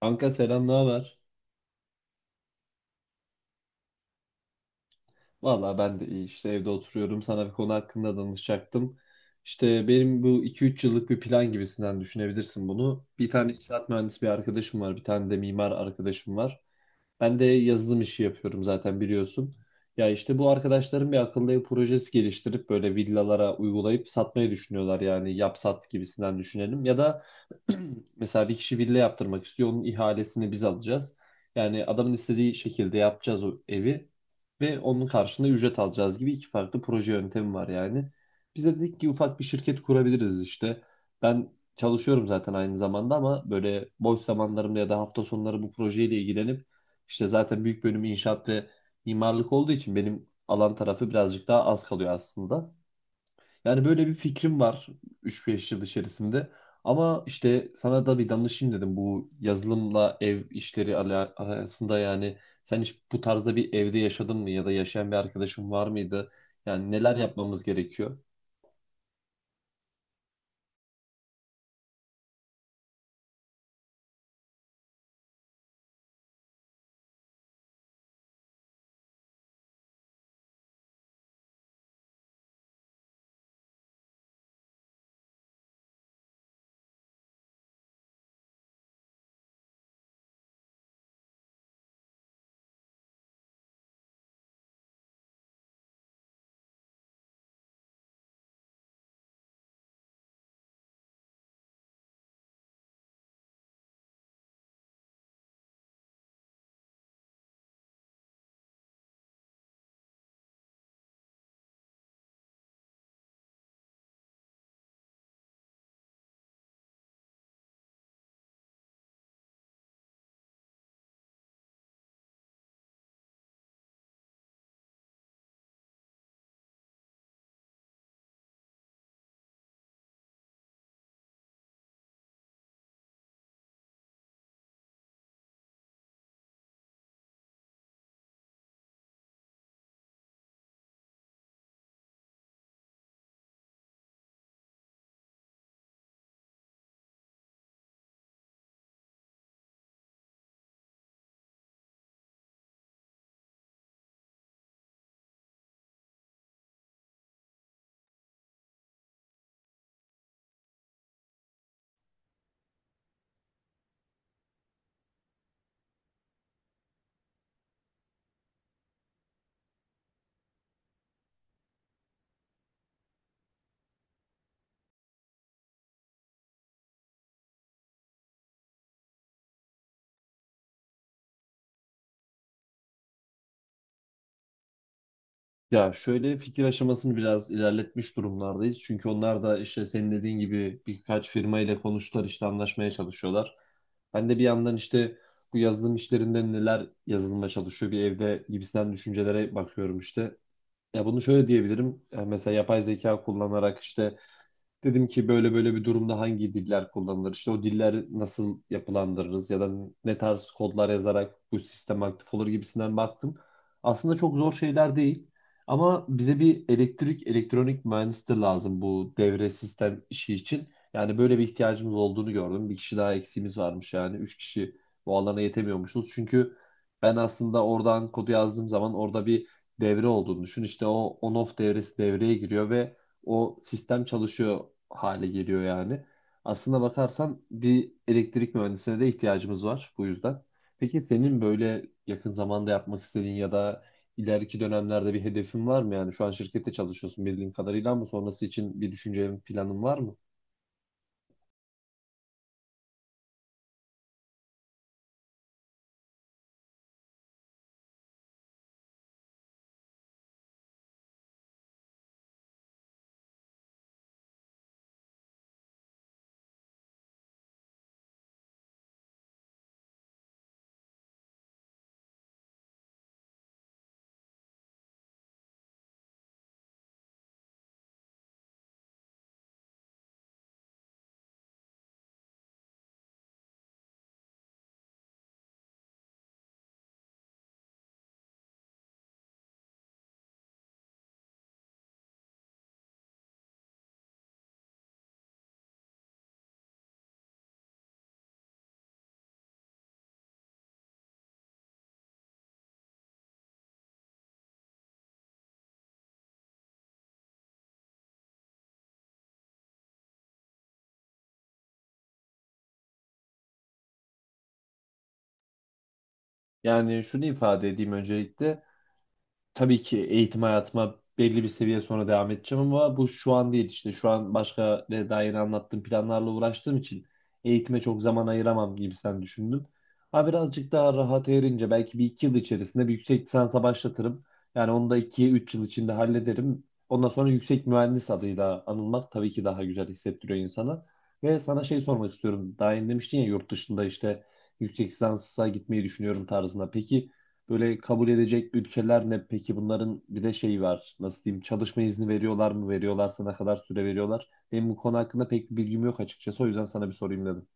Kanka selam, ne haber? Valla ben de iyi işte evde oturuyorum. Sana bir konu hakkında danışacaktım. İşte benim bu iki üç yıllık bir plan gibisinden düşünebilirsin bunu. Bir tane inşaat mühendisi bir arkadaşım var. Bir tane de mimar arkadaşım var. Ben de yazılım işi yapıyorum zaten biliyorsun. Ya işte bu arkadaşlarım bir akıllı ev projesi geliştirip böyle villalara uygulayıp satmayı düşünüyorlar. Yani yap sat gibisinden düşünelim. Ya da mesela bir kişi villa yaptırmak istiyor. Onun ihalesini biz alacağız. Yani adamın istediği şekilde yapacağız o evi ve onun karşılığında ücret alacağız gibi iki farklı proje yöntemi var yani. Bize dedik ki ufak bir şirket kurabiliriz işte. Ben çalışıyorum zaten aynı zamanda ama böyle boş zamanlarımda ya da hafta sonları bu projeyle ilgilenip işte zaten büyük bölümü inşaat ve mimarlık olduğu için benim alan tarafı birazcık daha az kalıyor aslında. Yani böyle bir fikrim var üç beş yıl içerisinde. Ama işte sana da bir danışayım dedim bu yazılımla ev işleri arasında yani sen hiç bu tarzda bir evde yaşadın mı ya da yaşayan bir arkadaşın var mıydı? Yani neler yapmamız gerekiyor? Ya şöyle fikir aşamasını biraz ilerletmiş durumlardayız. Çünkü onlar da işte senin dediğin gibi birkaç firma ile konuştular işte anlaşmaya çalışıyorlar. Ben de bir yandan işte bu yazılım işlerinde neler yazılıma çalışıyor bir evde gibisinden düşüncelere bakıyorum işte. Ya bunu şöyle diyebilirim. Ya mesela yapay zeka kullanarak işte dedim ki böyle böyle bir durumda hangi diller kullanılır? İşte o diller nasıl yapılandırırız ya da ne tarz kodlar yazarak bu sistem aktif olur gibisinden baktım. Aslında çok zor şeyler değil. Ama bize bir elektrik, elektronik mühendisleri lazım bu devre sistem işi için. Yani böyle bir ihtiyacımız olduğunu gördüm. Bir kişi daha eksiğimiz varmış yani. Üç kişi bu alana yetemiyormuşuz. Çünkü ben aslında oradan kodu yazdığım zaman orada bir devre olduğunu düşün. İşte o on-off devresi devreye giriyor ve o sistem çalışıyor hale geliyor yani. Aslında bakarsan bir elektrik mühendisine de ihtiyacımız var bu yüzden. Peki senin böyle yakın zamanda yapmak istediğin ya da ileriki dönemlerde bir hedefin var mı? Yani şu an şirkette çalışıyorsun bildiğim kadarıyla ama sonrası için bir düşüncen, planın var mı? Yani şunu ifade edeyim öncelikle. Tabii ki eğitim hayatıma belli bir seviye sonra devam edeceğim ama bu şu an değil işte şu an başka daha yeni anlattığım planlarla uğraştığım için eğitime çok zaman ayıramam gibi sen düşündüm. Ha birazcık daha rahat erince belki bir iki yıl içerisinde bir yüksek lisansa başlatırım. Yani onu da iki üç yıl içinde hallederim. Ondan sonra yüksek mühendis adıyla anılmak tabii ki daha güzel hissettiriyor insana. Ve sana şey sormak istiyorum. Daha yeni demiştin ya yurt dışında işte yüksek lisansa gitmeyi düşünüyorum tarzında. Peki böyle kabul edecek ülkeler ne? Peki bunların bir de şeyi var. Nasıl diyeyim? Çalışma izni veriyorlar mı? Veriyorlarsa ne kadar süre veriyorlar? Benim bu konu hakkında pek bir bilgim yok açıkçası. O yüzden sana bir sorayım dedim.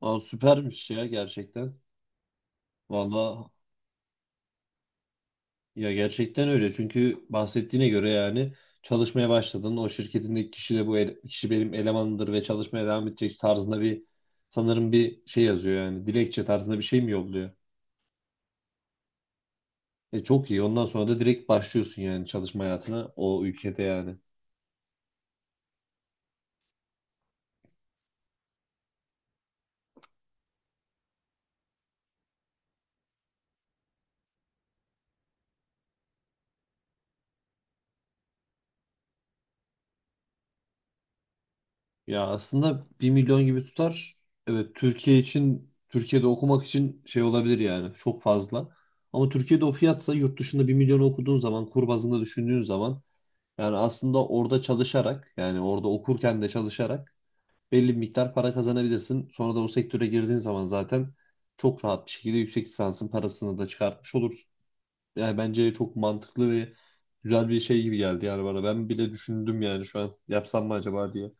Aa, süpermiş ya gerçekten. Valla ya gerçekten öyle. Çünkü bahsettiğine göre yani çalışmaya başladın. O şirketindeki kişi de bu kişi benim elemanımdır ve çalışmaya devam edecek tarzında bir sanırım bir şey yazıyor yani. Dilekçe tarzında bir şey mi yolluyor? E çok iyi. Ondan sonra da direkt başlıyorsun yani çalışma hayatına o ülkede yani. Ya aslında 1 milyon gibi tutar. Evet Türkiye için Türkiye'de okumak için şey olabilir yani çok fazla. Ama Türkiye'de o fiyatsa yurt dışında 1 milyonu okuduğun zaman kur bazında düşündüğün zaman yani aslında orada çalışarak yani orada okurken de çalışarak belli bir miktar para kazanabilirsin. Sonra da o sektöre girdiğin zaman zaten çok rahat bir şekilde yüksek lisansın parasını da çıkartmış olursun. Yani bence çok mantıklı ve güzel bir şey gibi geldi yani bana. Ben bile düşündüm yani şu an yapsam mı acaba diye.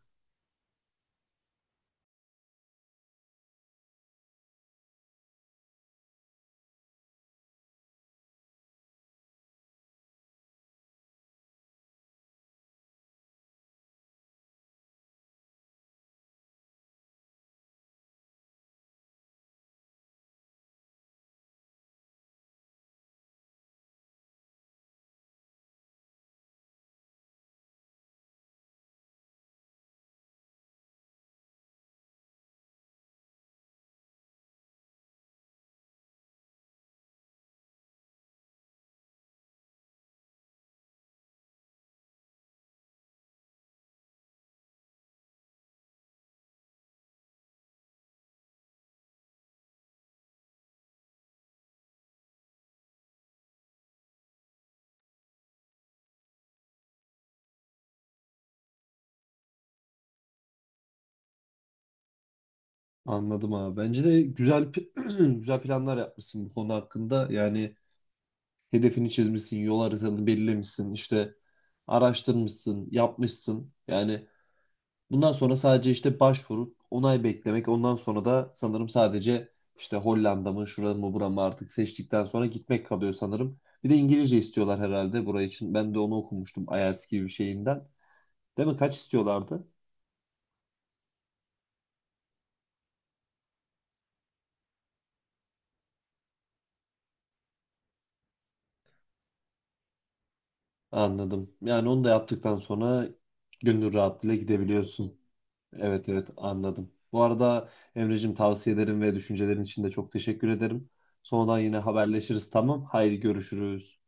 Anladım abi. Bence de güzel güzel planlar yapmışsın bu konu hakkında. Yani hedefini çizmişsin, yol haritanı belirlemişsin, işte araştırmışsın, yapmışsın. Yani bundan sonra sadece işte başvurup onay beklemek. Ondan sonra da sanırım sadece işte Hollanda mı, şurada mı, bura mı artık seçtikten sonra gitmek kalıyor sanırım. Bir de İngilizce istiyorlar herhalde buraya için. Ben de onu okumuştum IELTS gibi bir şeyinden. Değil mi? Kaç istiyorlardı? Anladım. Yani onu da yaptıktan sonra gönül rahatlığıyla gidebiliyorsun. Evet evet anladım. Bu arada Emre'cim tavsiyelerin ve düşüncelerin için de çok teşekkür ederim. Sonradan yine haberleşiriz tamam. Haydi görüşürüz.